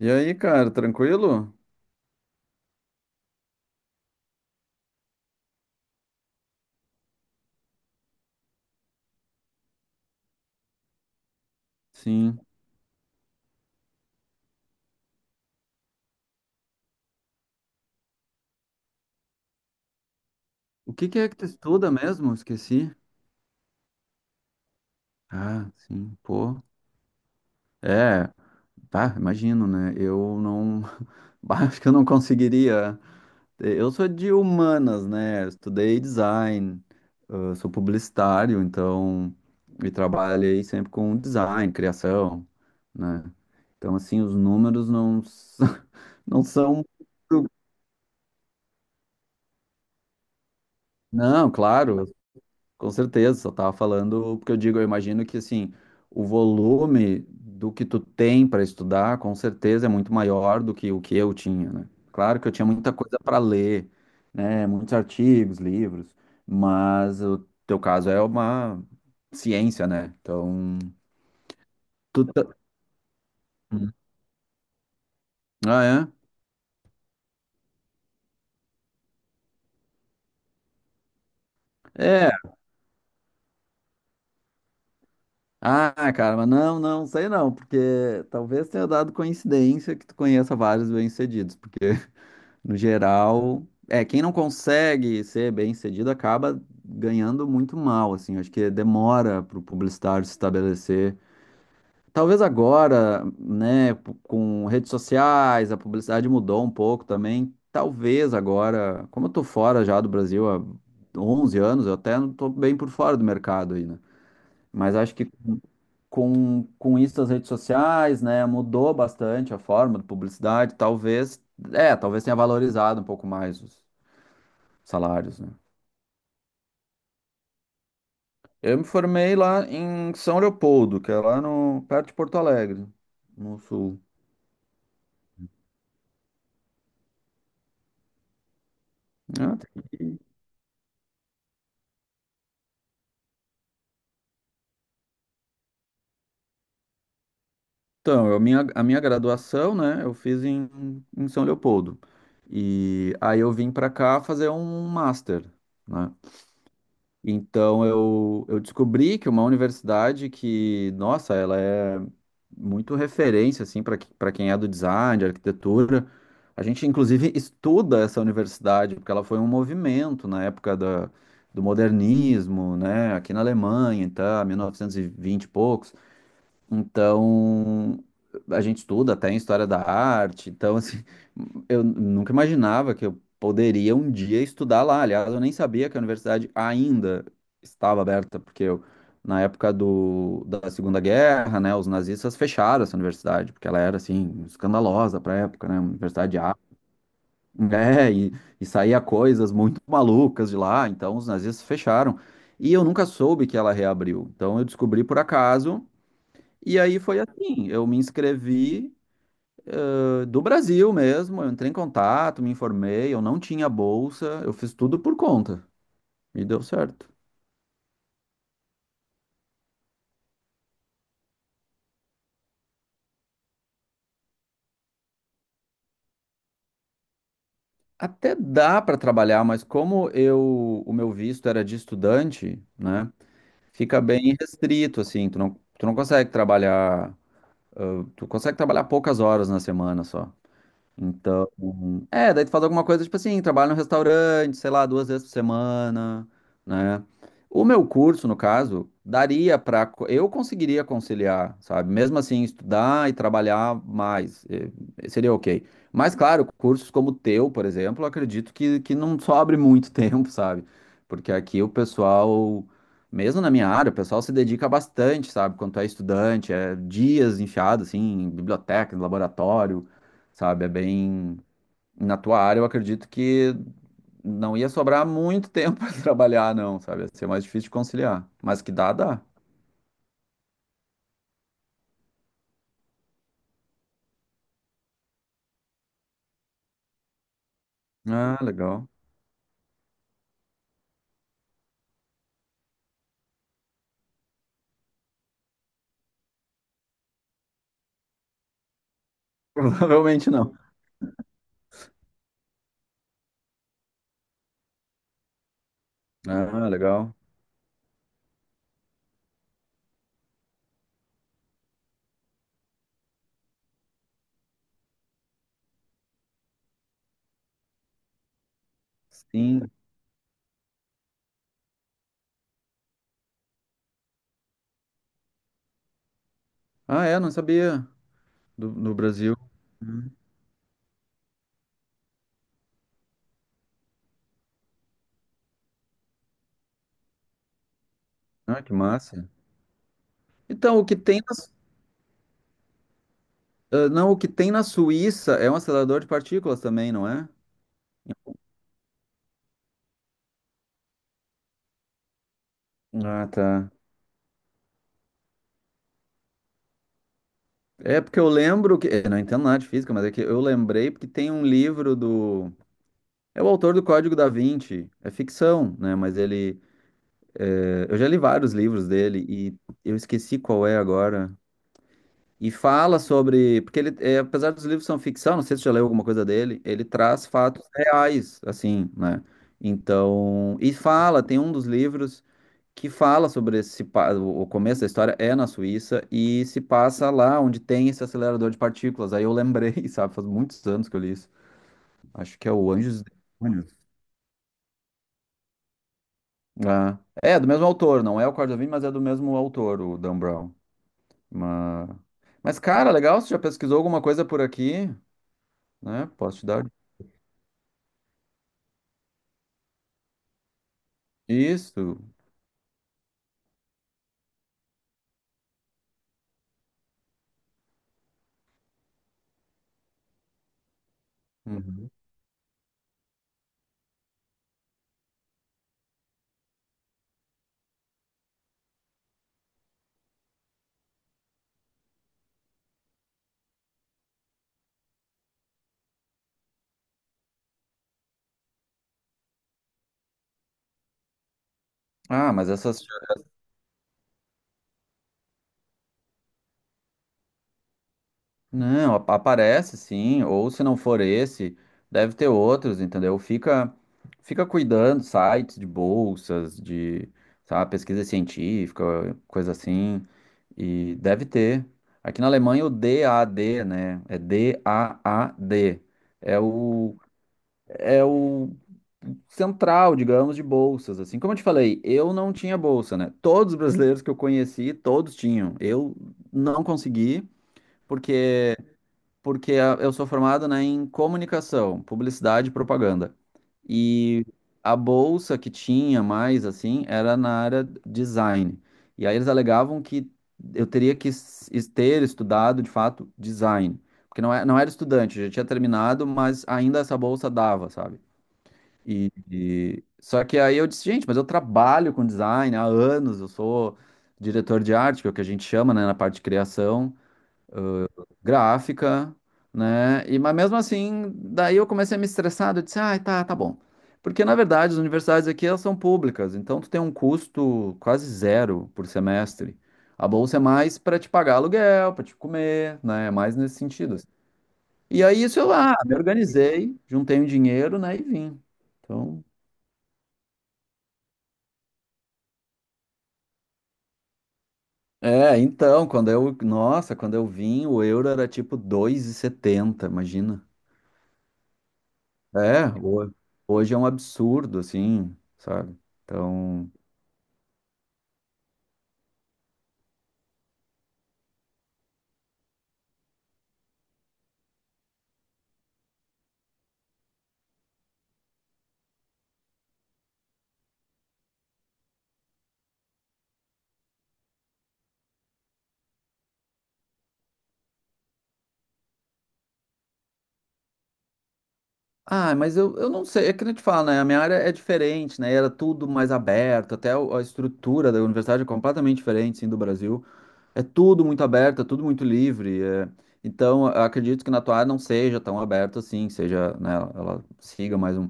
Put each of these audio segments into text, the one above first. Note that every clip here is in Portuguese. E aí, cara, tranquilo? Sim. O que que é que tu estuda mesmo? Esqueci. Ah, sim, pô. É, tá, imagino, né? Eu não. Bah, acho que eu não conseguiria. Eu sou de humanas, né? Estudei design, sou publicitário, então. E trabalhei sempre com design, criação, né? Então, assim, os números não, não são. Não, claro. Com certeza, só tava falando, porque eu digo, eu imagino que assim, o volume do que tu tem para estudar, com certeza é muito maior do que o que eu tinha, né? Claro que eu tinha muita coisa para ler, né? Muitos artigos, livros, mas o teu caso é uma ciência, né? Então, tu tá- ah, é? É. Ah, cara, mas não, não, sei não, porque talvez tenha dado coincidência que tu conheça vários bem-sucedidos, porque. No geral, quem não consegue ser bem-sucedido acaba ganhando muito mal, assim. Acho que demora para o publicitário se estabelecer. Talvez agora, né, com redes sociais, a publicidade mudou um pouco também. Talvez agora, como eu tô fora já do Brasil há 11 anos, eu até não tô bem por fora do mercado aí, né? Mas acho que com isso as redes sociais, né, mudou bastante a forma de publicidade, talvez tenha valorizado um pouco mais os salários, né? Eu me formei lá em São Leopoldo, que é lá no, perto de Porto Alegre, no sul. Ah, tá. Então, a minha graduação, né, eu fiz em São Leopoldo. E aí eu vim pra cá fazer um master, né? Então eu descobri que uma universidade que, nossa, ela é muito referência assim para quem é do design, de arquitetura. A gente inclusive estuda essa universidade porque ela foi um movimento na época da, do modernismo, né, aqui na Alemanha, então, 1920 e vinte e poucos, então, a gente estuda até em história da arte, então, assim, eu nunca imaginava que eu poderia um dia estudar lá. Aliás, eu nem sabia que a universidade ainda estava aberta, porque eu, na época da Segunda Guerra, né, os nazistas fecharam essa universidade, porque ela era, assim, escandalosa para a época, né, uma universidade de arte. É, e saía coisas muito malucas de lá, então os nazistas fecharam. E eu nunca soube que ela reabriu. Então eu descobri por acaso e aí foi assim, eu me inscrevi, do Brasil mesmo, eu entrei em contato, me informei, eu não tinha bolsa, eu fiz tudo por conta e deu certo. Até dá para trabalhar, mas como eu, o meu visto era de estudante, né, fica bem restrito assim, tu não consegue trabalhar, eh, tu consegue trabalhar poucas horas na semana só. Então, é, daí tu faz alguma coisa, tipo assim, trabalha no restaurante, sei lá, 2 vezes por semana, né? O meu curso, no caso, daria pra. Eu conseguiria conciliar, sabe? Mesmo assim, estudar e trabalhar mais, seria ok. Mas, claro, cursos como o teu, por exemplo, eu acredito que não sobre muito tempo, sabe? Porque aqui o pessoal, mesmo na minha área, o pessoal se dedica bastante, sabe? Quando tu é estudante, é dias enfiado, assim, em bibliotecas, laboratório sabe? É bem. Na tua área, eu acredito que não ia sobrar muito tempo para trabalhar, não, sabe? Ia ser mais difícil de conciliar. Mas que dá, dá. Ah, legal. Provavelmente não. Ah, legal. Sim. Ah, é, não sabia. Do, no Brasil. Hum. Ah, que massa. Então, o que tem ah, não, o que tem na Suíça é um acelerador de partículas também, não é? Ah, tá. É porque eu lembro que. Eu não entendo nada de física, mas é que eu lembrei porque tem um livro do. É o autor do Código da Vinci, é ficção, né? Mas ele, eu já li vários livros dele e eu esqueci qual é agora. E fala sobre, porque ele, apesar dos livros são ficção, não sei se você já leu alguma coisa dele, ele traz fatos reais, assim, né? Então, e fala, tem um dos livros que fala sobre esse, o começo da história é na Suíça e se passa lá onde tem esse acelerador de partículas. Aí eu lembrei, sabe? Faz muitos anos que eu li isso. Acho que é o Anjos e Demônios. Ah. É, é do mesmo autor, não é o Corda Vinci, mas é do mesmo autor, o Dan Brown. Mas, mas cara, legal, você já pesquisou alguma coisa por aqui, né? Posso te dar isso. Uhum. Ah, mas essas. Não, aparece sim, ou se não for esse, deve ter outros, entendeu? Fica, fica cuidando, sites de bolsas, de, sabe, pesquisa científica, coisa assim, e deve ter. Aqui na Alemanha o DAD, né? É DAAD. É o, é o, central, digamos, de bolsas, assim. Como eu te falei, eu não tinha bolsa, né? Todos os brasileiros que eu conheci, todos tinham. Eu não consegui, porque porque eu sou formado, né, em comunicação, publicidade e propaganda. E a bolsa que tinha mais, assim, era na área design. E aí eles alegavam que eu teria que ter estudado, de fato, design. Porque não, não era estudante, já tinha terminado, mas ainda essa bolsa dava, sabe? Só que aí eu disse, gente, mas eu trabalho com design há anos, eu sou diretor de arte, que é o que a gente chama, né, na parte de criação gráfica, né? Mas mesmo assim, daí eu comecei a me estressar, eu disse, ah, tá, tá bom. Porque, na verdade, as universidades aqui, elas são públicas, então tu tem um custo quase zero por semestre. A bolsa é mais para te pagar aluguel, para te comer, né? É mais nesse sentido, assim. E aí, isso eu, ah, me organizei, juntei um dinheiro, né, e vim. Então. É, então, nossa, quando eu vim, o euro era tipo 2,70, imagina. É, hoje é um absurdo, assim, sabe? Então. Ah, mas eu não sei, é que nem eu te falo, né? A minha área é diferente, né? Era tudo mais aberto, até a estrutura da universidade é completamente diferente, sim, do Brasil. É tudo muito aberto, é tudo muito livre. Então, eu acredito que na tua área não seja tão aberto assim, seja, né? Ela siga mais um.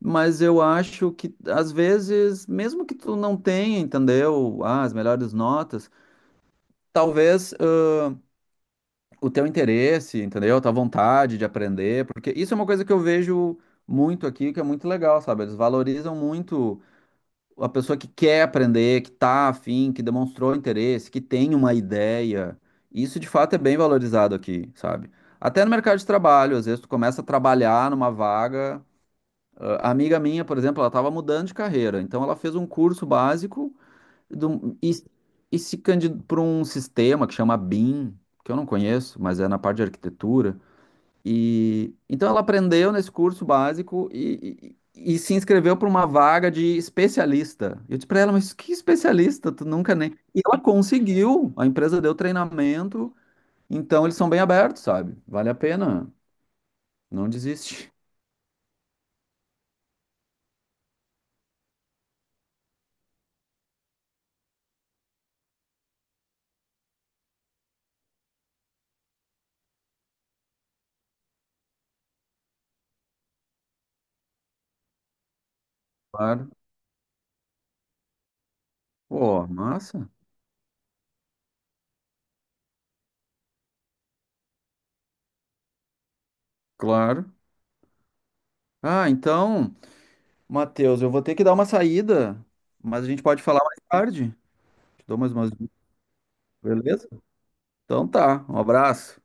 Mas eu acho que, às vezes, mesmo que tu não tenha, entendeu? Ah, as melhores notas. Talvez. O teu interesse, entendeu? A tua vontade de aprender, porque isso é uma coisa que eu vejo muito aqui, que é muito legal, sabe? Eles valorizam muito a pessoa que quer aprender, que tá afim, que demonstrou interesse, que tem uma ideia. Isso de fato é bem valorizado aqui, sabe? Até no mercado de trabalho, às vezes tu começa a trabalhar numa vaga. Ah, a amiga minha, por exemplo, ela estava mudando de carreira, então ela fez um curso básico do- e, e se candidato para um sistema que chama BIM, que eu não conheço, mas é na parte de arquitetura. E então ela aprendeu nesse curso básico e se inscreveu para uma vaga de especialista. Eu disse para ela, mas que especialista? Tu nunca nem. E ela conseguiu, a empresa deu treinamento, então eles são bem abertos, sabe? Vale a pena, não desiste. Claro. Pô, massa. Claro. Ah, então. Matheus, eu vou ter que dar uma saída, mas a gente pode falar mais tarde. Te dou mais umas dicas, beleza? Então tá, um abraço.